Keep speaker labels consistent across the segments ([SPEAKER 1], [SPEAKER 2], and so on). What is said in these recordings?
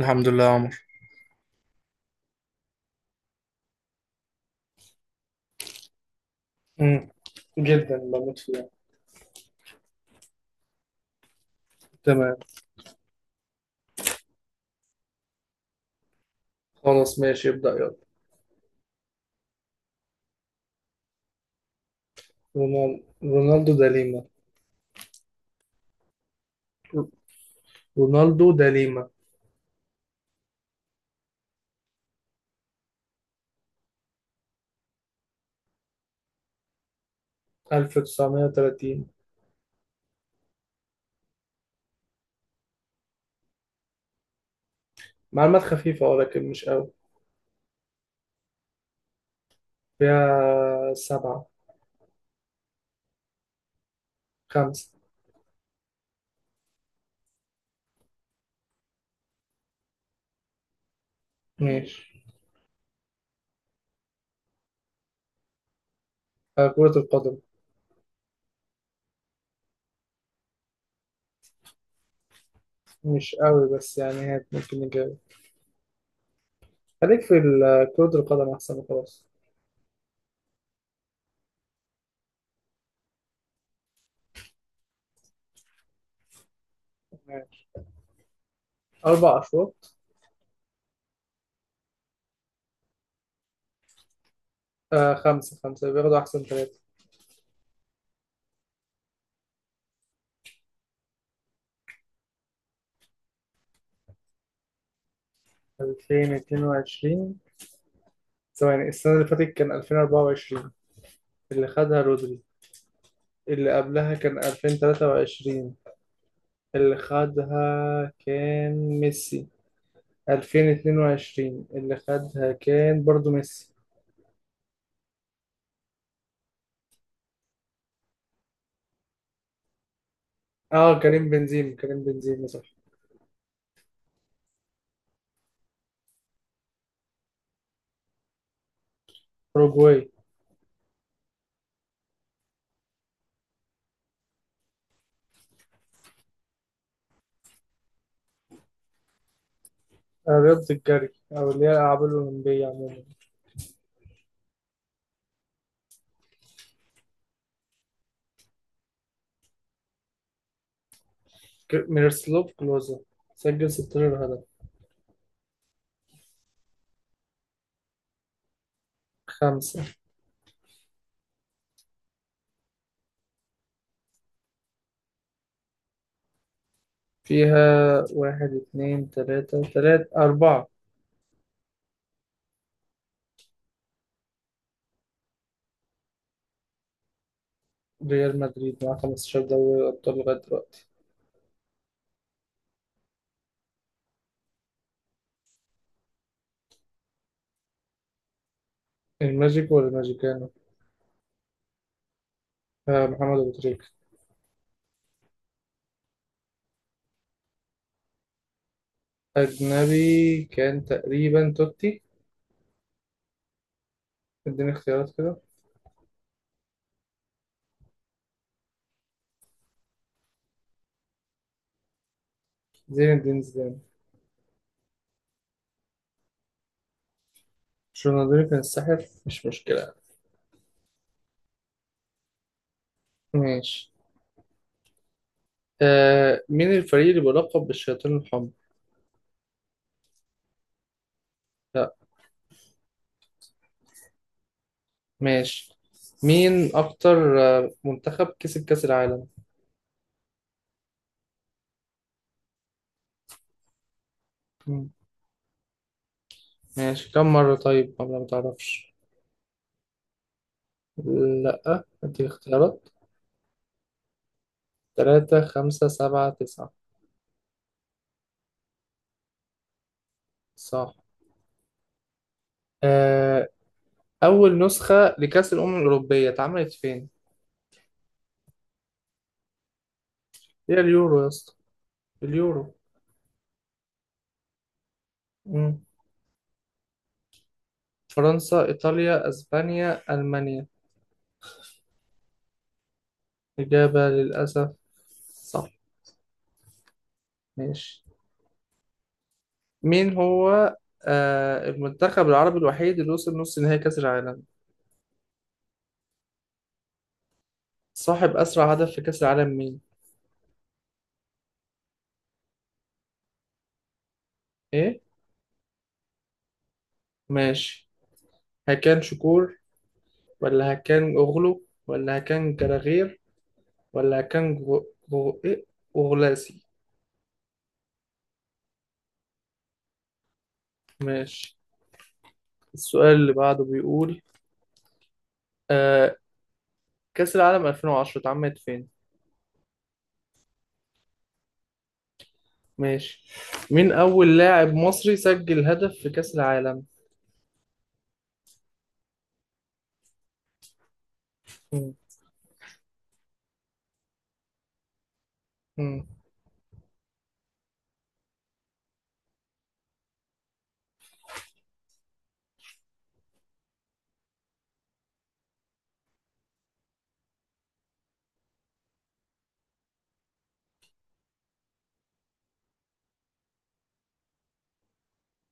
[SPEAKER 1] الحمد لله يا عمر. مم. جدا بموت فيها. تمام. خلاص ماشي، ابدأ يلا. رونال- رونالدو دا ليما. رونالدو دا ليما. 1930. معلومات خفيفة ولكن مش قوي. فيها سبعة. خمسة. ماشي. كرة القدم. مش قوي بس يعني هات ممكن نجاوب. خليك في كرة القدم أحسن وخلاص. ماشي. أربع أشواط. خمسة خمسة بياخدوا أحسن ثلاثة. 2022، ثواني، السنة اللي فاتت كان 2024. اللي خدها رودري. اللي قبلها كان 2023، اللي خدها كان ميسي. 2022 اللي خدها كان برضو ميسي. اه كريم بنزيما كريم بنزيما صح. أوروجواي. رياضة الجري، أو اللي هي الألعاب الأولمبية عموما. ميروسلاف كلوزا سجل 16 هدف. خمسة. فيها واحد اتنين تلاتة تلاتة أربعة. ريال مدريد مع 15 دوري أبطال لغاية دلوقتي. الماجيك ولا الماجيكانو؟ محمد أبو تريكة. أجنبي كان تقريبا توتي. اديني اختيارات كده. زين الدين زيدان. رونالدينيو كان الساحر، مش مشكلة. ماشي. مين الفريق اللي بيلقب بالشياطين الحمر؟ لا. ماشي. مين أكتر منتخب كسب كأس العالم؟ مم. ماشي، كم مرة؟ طيب ولا ما تعرفش؟ لا، اديني اختيارات. تلاتة خمسة سبعة تسعة. صح. آه، أول نسخة لكأس الأمم الأوروبية اتعملت فين؟ هي اليورو يا اسطى. اليورو. مم. فرنسا إيطاليا أسبانيا ألمانيا. إجابة للأسف صح. ماشي. مين هو المنتخب العربي الوحيد اللي وصل نص نهائي كأس العالم؟ صاحب أسرع هدف في كأس العالم مين؟ إيه؟ ماشي. هكان شكور، ولا هكان أوغلو، ولا هكان جراغير، ولا هكان غو... غو... إيه أوغلاسي. ماشي. السؤال اللي بعده بيقول آه كأس العالم 2010 اتعملت فين؟ ماشي. مين أول لاعب مصري سجل هدف في كأس العالم؟ مم. مم.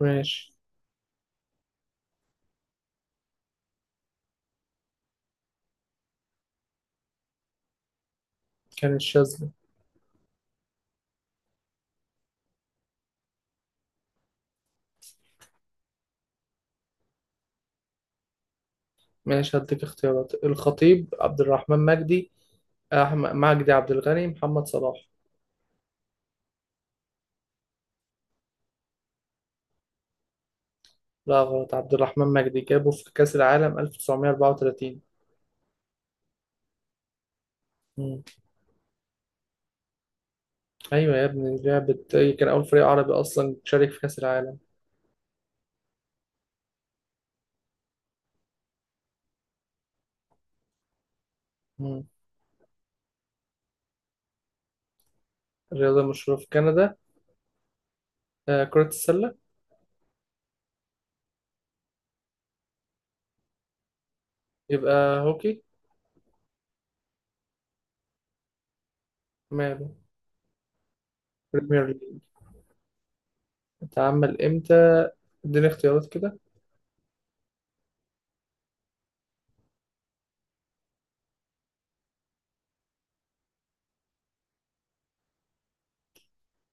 [SPEAKER 1] ماشي. كان الشاذلي. ماشي، هديك اختيارات: الخطيب، عبد الرحمن مجدي، أحمد مجدي، عبد الغني، محمد صلاح. لا غلط، عبد الرحمن مجدي جابه في كأس العالم 1934. مم. أيوة يا ابني لعبة، كان أول فريق عربي أصلا شارك في كأس العالم. مم. الرياضة المشهورة في كندا؟ كرة السلة. يبقى هوكي. ماله. بريمير ليج. اتعمل امتى؟ اديني اختيارات كده.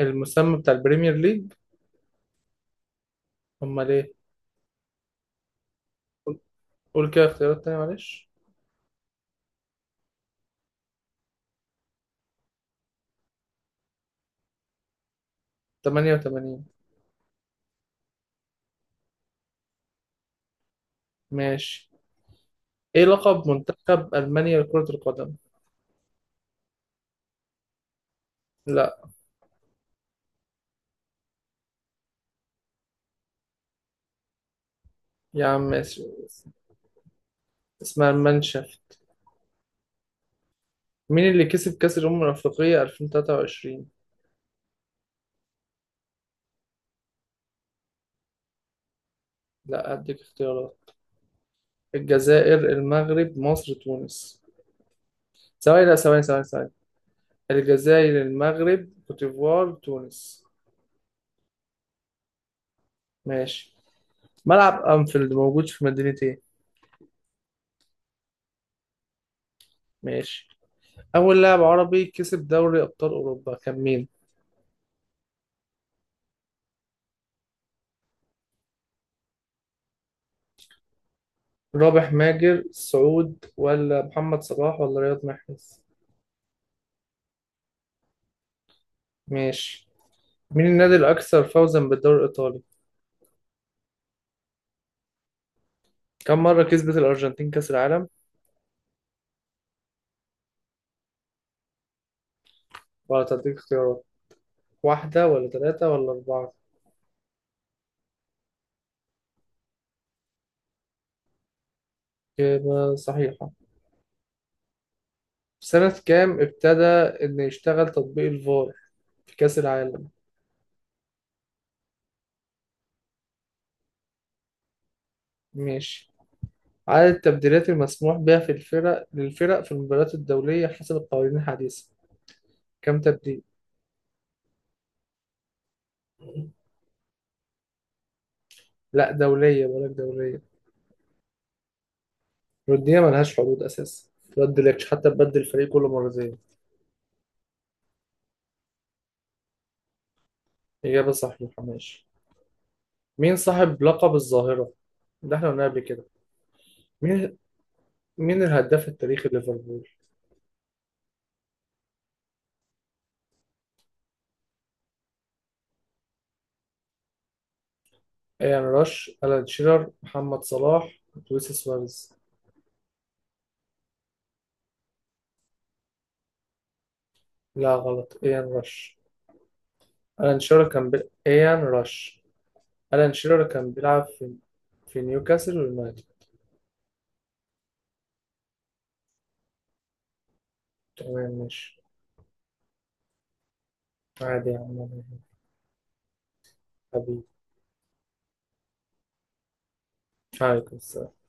[SPEAKER 1] المسمى بتاع البريمير ليج. امال ايه؟ قول كده اختيارات تانية معلش. 88. ماشي. ايه لقب منتخب المانيا لكرة القدم؟ لا. يا عم ماشي. اسمها المانشافت. مين اللي كسب كأس الأمم الأفريقية 2023؟ لا، اديك اختيارات. الجزائر المغرب مصر تونس. ثواني، لا، ثواني ثواني ثواني. الجزائر المغرب كوت ديفوار تونس. ماشي. ملعب أنفيلد موجود في مدينة ايه؟ ماشي. أول لاعب عربي كسب دوري أبطال أوروبا كان مين؟ رابح ماجر سعود، ولا محمد صلاح، ولا رياض محرز؟ ماشي. مين النادي الأكثر فوزا بالدوري الإيطالي؟ كم مرة كسبت الأرجنتين كأس العالم؟ ولا تديك اختيارات؟ واحدة ولا ثلاثة ولا أربعة؟ إجابة صحيحة. سنة كام ابتدى إن يشتغل تطبيق الفار في كأس العالم؟ ماشي. عدد التبديلات المسموح بها في الفرق للفرق في المباريات الدولية حسب القوانين الحديثة، كم تبديل؟ لا دولية، بقول لك دولية. الودية ملهاش حدود أساسا، متبدلكش حتى، تبدل الفريق كل مرتين. إجابة صح محماش. مين صاحب لقب الظاهرة؟ ده احنا قلنا قبل كده. مين مين الهداف التاريخي ليفربول؟ ايان راش، ألان شيرر، محمد صلاح، لويس سواريز. لا غلط، ايان راش. ألان شيرر كان ايان راش. ألان شيرر كان بيلعب في في نيوكاسل ويونايتد. تمام ماشي. عادي يا عم. حبيبي، عليكم السلام.